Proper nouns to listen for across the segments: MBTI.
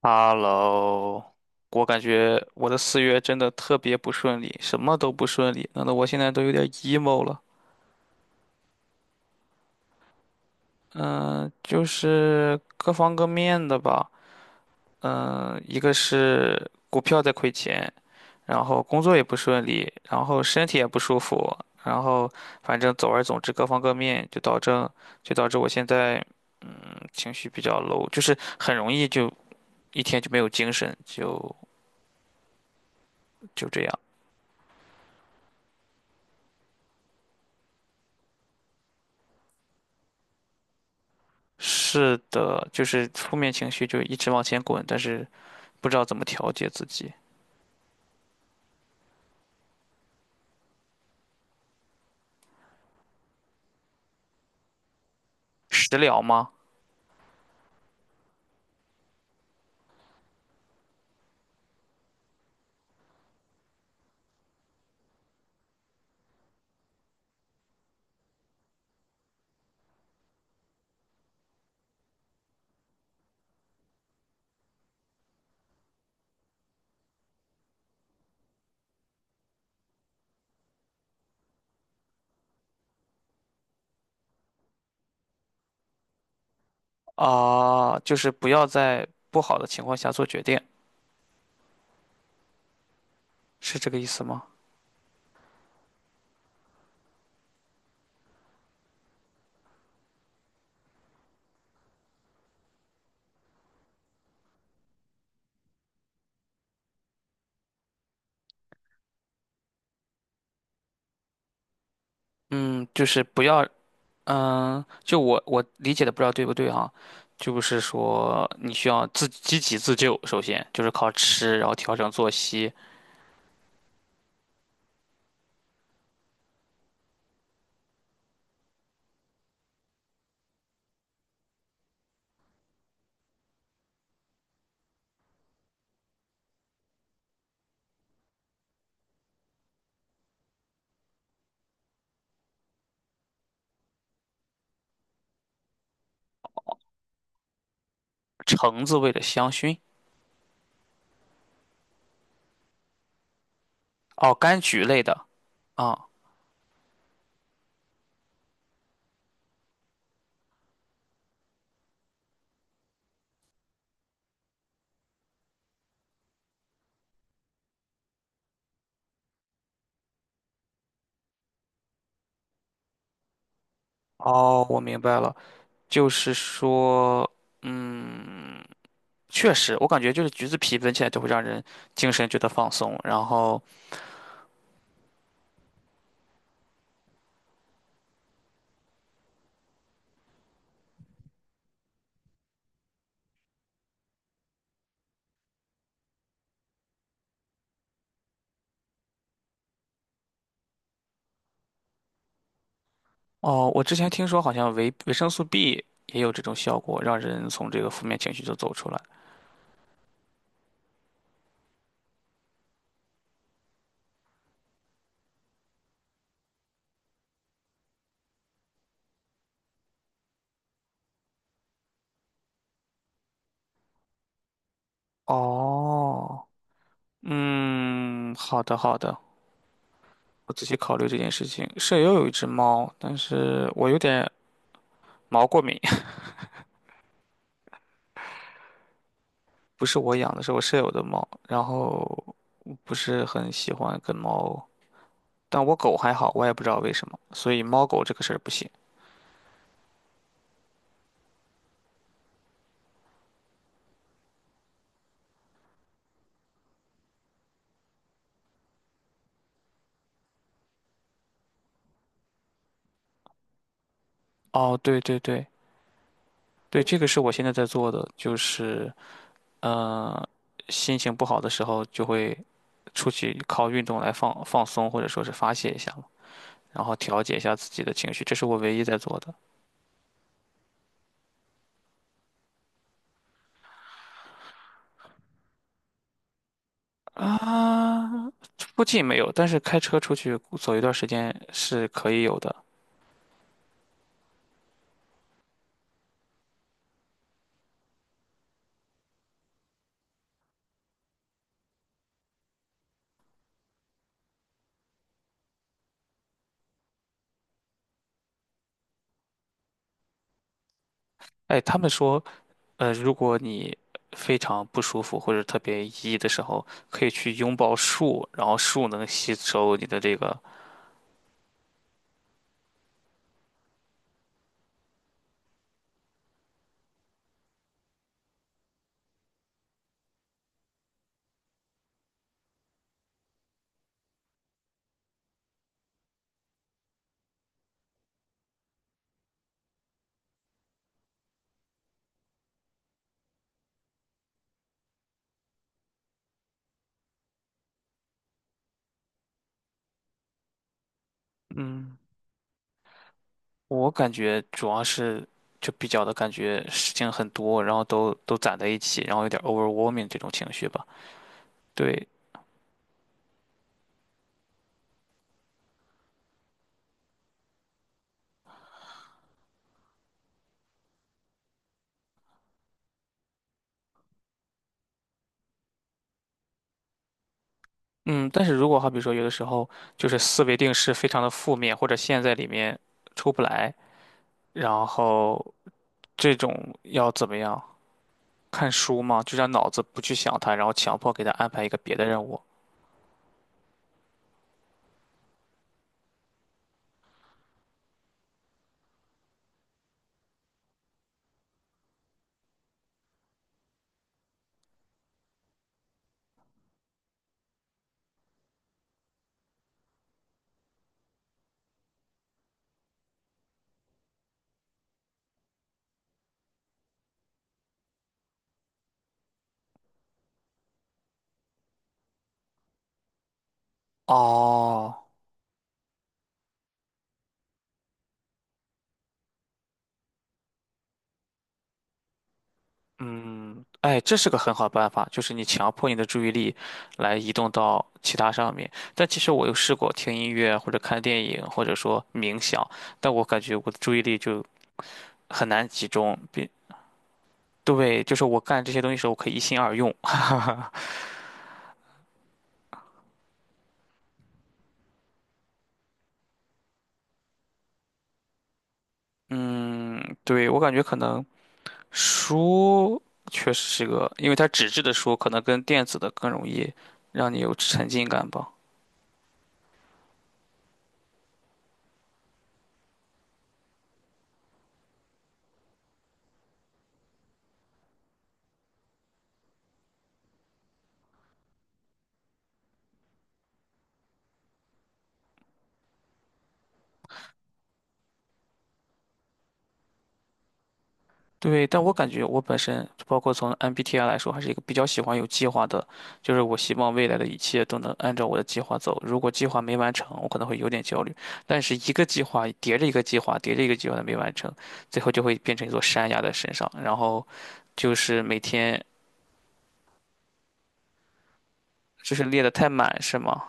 Hello，我感觉我的四月真的特别不顺利，什么都不顺利，弄得我现在都有点 emo 了。嗯、就是各方各面的吧。一个是股票在亏钱，然后工作也不顺利，然后身体也不舒服，然后反正总而总之各方各面就导致我现在情绪比较 low，就是很容易就一天就没有精神，就这样。是的，就是负面情绪就一直往前滚，但是不知道怎么调节自己。食疗吗？啊，就是不要在不好的情况下做决定，是这个意思吗？嗯，就是不要，嗯，就我理解的不知道对不对哈，就是说你需要自积极自救，首先就是靠吃，然后调整作息。橙子味的香薰，哦，柑橘类的啊，哦，我明白了，就是说。确实，我感觉就是橘子皮闻起来就会让人精神觉得放松。然后，哦，我之前听说好像维生素 B 也有这种效果，让人从这个负面情绪中走出来。哦，嗯，好的，我仔细考虑这件事情。舍友有一只猫，但是我有点毛过敏，不是我养的，是我舍友的猫。然后我不是很喜欢跟猫，但我狗还好，我也不知道为什么，所以猫狗这个事儿不行。哦，对对对。对，这个是我现在在做的，就是呃，心情不好的时候就会出去靠运动来放放松，或者说是发泄一下嘛，然后调节一下自己的情绪，这是我唯一在做的。啊，附近没有，但是开车出去走一段时间是可以有的。哎，他们说，如果你非常不舒服或者特别抑郁的时候，可以去拥抱树，然后树能吸收你的这个，嗯，我感觉主要是就比较的感觉事情很多，然后都攒在一起，然后有点 overwhelming 这种情绪吧。对，嗯，但是如果好比说有的时候就是思维定势非常的负面，或者陷在里面出不来，然后这种要怎么样？看书吗？就让脑子不去想它，然后强迫给它安排一个别的任务。哦，嗯，哎，这是个很好办法，就是你强迫你的注意力来移动到其他上面。但其实我有试过听音乐或者看电影，或者说冥想，但我感觉我的注意力就很难集中。并对，就是我干这些东西的时候，我可以一心二用。嗯，对，我感觉可能书确实是个，因为它纸质的书可能跟电子的更容易让你有沉浸感吧。对，但我感觉我本身，包括从 MBTI 来说，还是一个比较喜欢有计划的，就是我希望未来的一切都能按照我的计划走。如果计划没完成，我可能会有点焦虑。但是一个计划叠着一个计划，叠着一个计划的没完成，最后就会变成一座山压在身上。然后就是每天就是列得太满，是吗？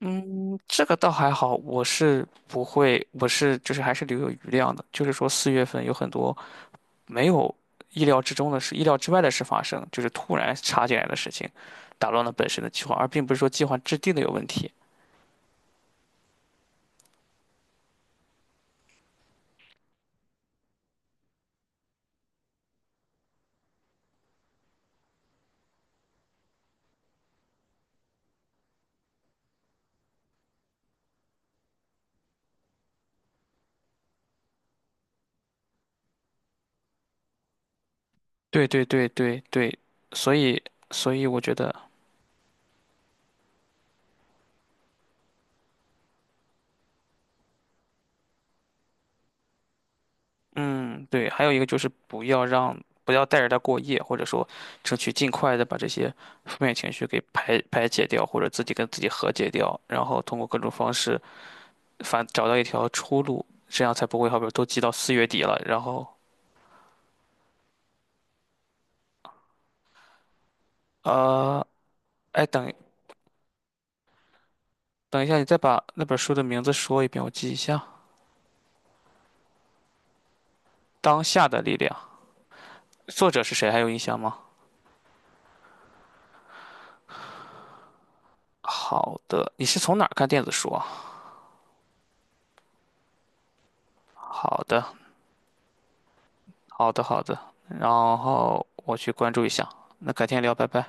嗯，这个倒还好，我是不会，我是就是还是留有余量的。就是说四月份有很多没有意料之中的事、意料之外的事发生，就是突然插进来的事情，打乱了本身的计划，而并不是说计划制定的有问题。对对对对对，所以所以我觉得，嗯，对，还有一个就是不要让不要带着他过夜，或者说争取尽快的把这些负面情绪给排解掉，或者自己跟自己和解掉，然后通过各种方式反找到一条出路，这样才不会好比说都积到四月底了，然后呃，哎等一下，你再把那本书的名字说一遍，我记一下。当下的力量，作者是谁？还有印象吗？好的，你是从哪儿看电子书啊？好的，好的。然后我去关注一下。那改天聊，拜拜。